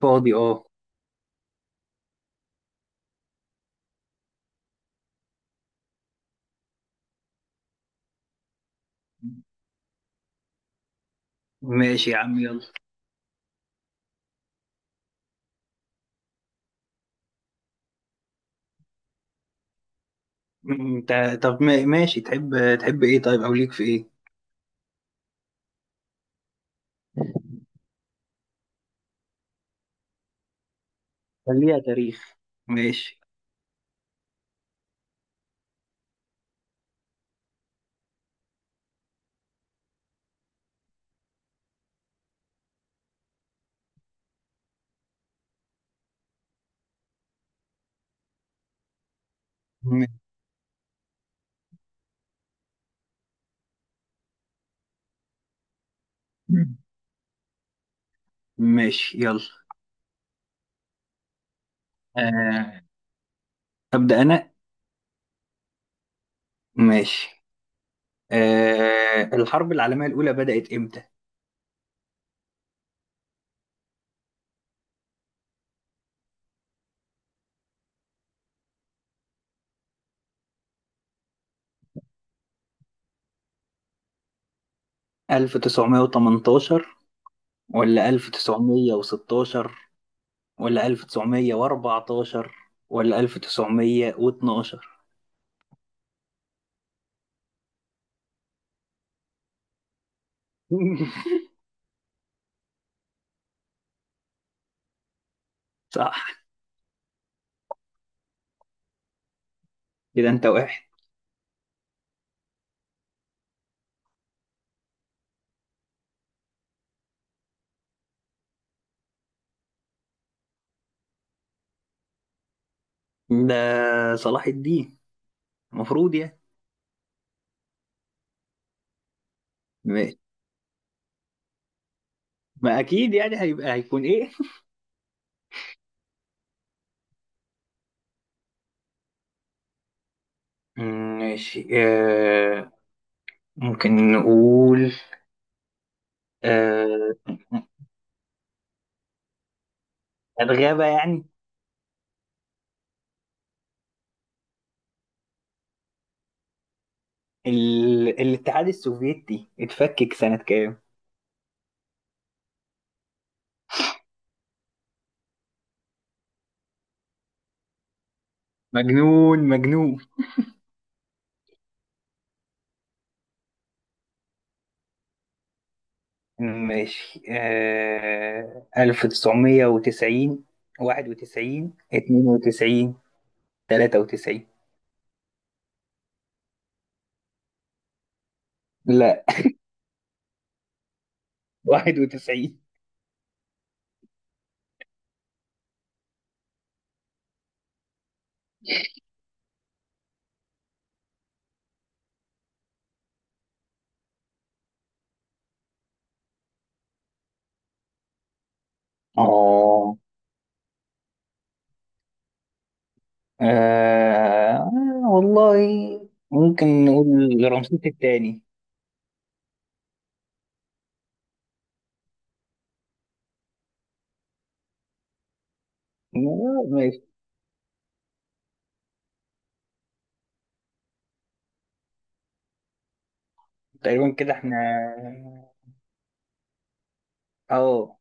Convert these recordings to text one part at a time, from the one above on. فاضي، اه. ماشي يا عم، يلا. انت، طب ماشي. تحب ايه؟ طيب، او ليك في ايه؟ خليها تاريخ. ماشي. م- ماشي، يلا. آه. أبدأ أنا. ماشي. الحرب العالمية الأولى بدأت إمتى؟ 1918 ولا 1916 ولا 1914 ولا 1912؟ صح، كده أنت واحد. ده صلاح الدين المفروض. يعني ما اكيد يعني هيبقى هيكون ايه. مم، ماشي، ممكن نقول آه الغابة يعني. الاتحاد السوفيتي اتفكك سنة كام؟ مجنون مجنون. ماشي، 1990، 91، 92، 93؟ لا. 91. اه. آه، والله ممكن نقول رمسيس الثاني. لا، ماشي. تقريبا كده احنا. اه.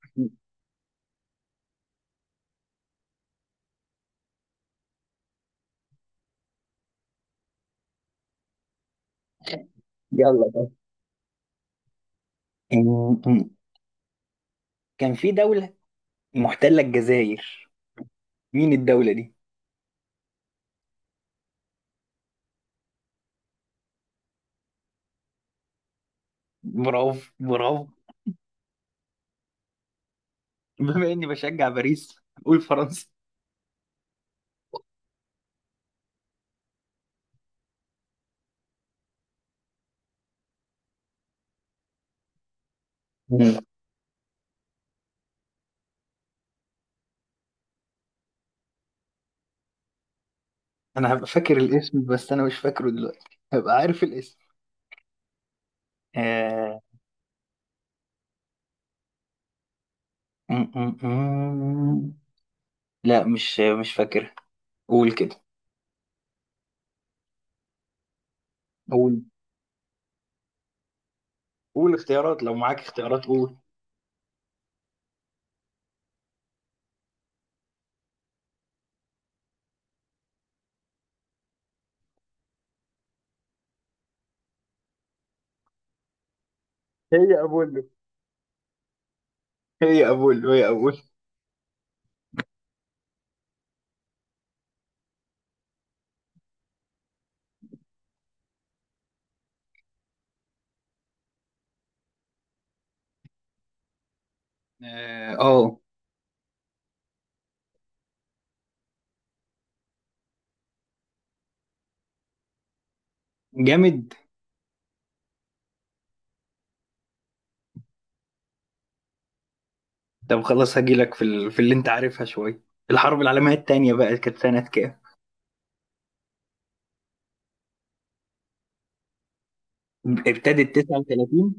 يلا طيب. أم- أم. كان في دولة محتلة الجزائر، مين الدولة دي؟ برافو برافو! بما اني بشجع باريس، قول فرنسا. أم. انا هبقى فاكر الاسم، بس انا مش فاكره دلوقتي، هبقى عارف الاسم. آه... أم- أم- أم. لا، مش فاكرها. قول كده. قول، قول اختيارات لو معاك اختيارات قول. هي أبولو، هي أبولو، هي أبولو. اه. جامد. طب خلاص هجيلك في اللي انت عارفها شويه. الحرب العالميه الثانيه بقى كانت سنه كام؟ ابتدت 39.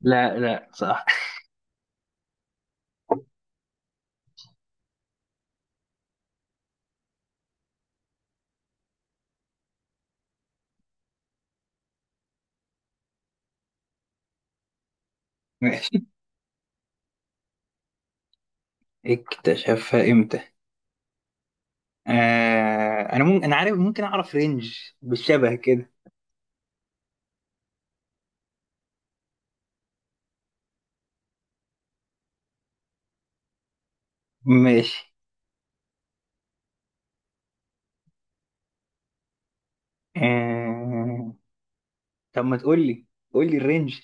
لا لا صح. ماشي، اكتشفها امتى؟ انا ممكن، انا عارف، ممكن اعرف رينج بالشبه كده. ماشي. آه... طب ما تقول لي، قول لي الرينج.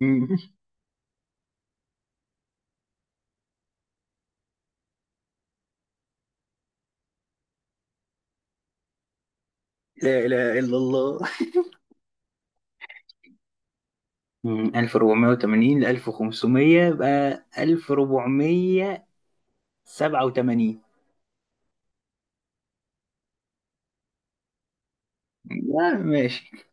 مم. لا اله الا الله. مم. 1480 ل 1500، يبقى 1487. لا ماشي،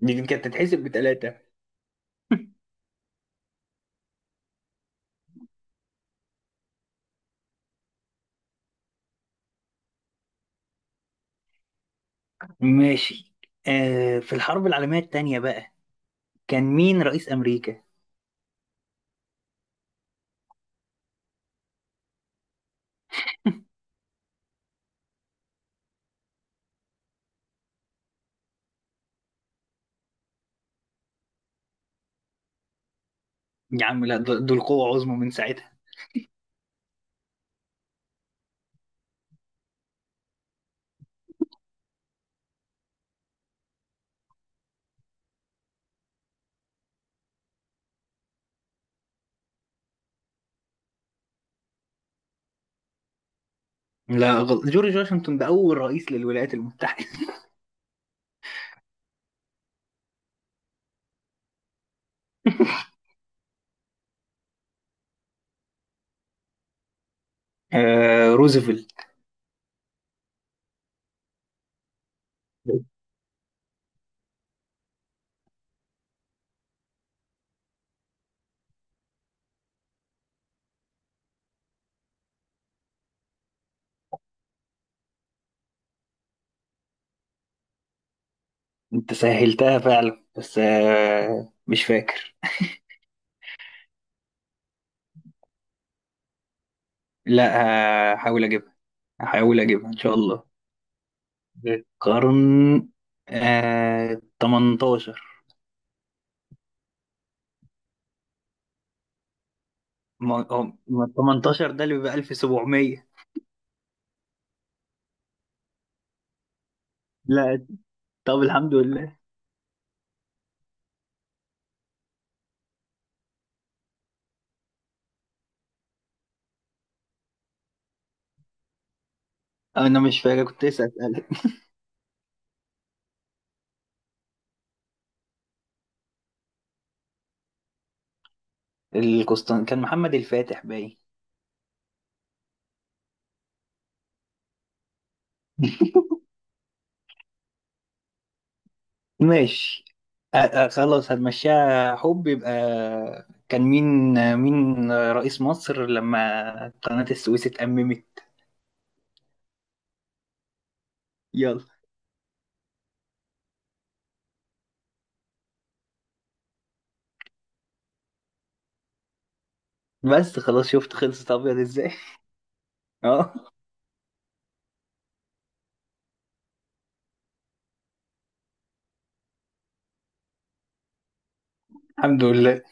دي كانت تتحسب بتلاتة. ماشي، في الحرب العالمية التانية بقى كان مين رئيس أمريكا؟ يا عم لا، دول قوة عظمى من ساعتها. لا غلط، جورج واشنطن ده أول رئيس للولايات المتحدة. روزفلت. أنت سهلتها فعلا، بس مش فاكر. لا، هحاول أجيبها، هحاول أجيبها إن شاء الله. القرن 18. ما ما 18 ده اللي بيبقى 1700. لا، طب الحمد لله. انا مش فاكر، كنت لسه اسالك. القسطن كان محمد الفاتح باين. ماشي. خلاص هنمشيها حب يبقى. كان مين، مين رئيس مصر لما قناة السويس اتأممت؟ يلا. بس خلاص، شفت خلصت ابيض ازاي؟ اه. الحمد لله.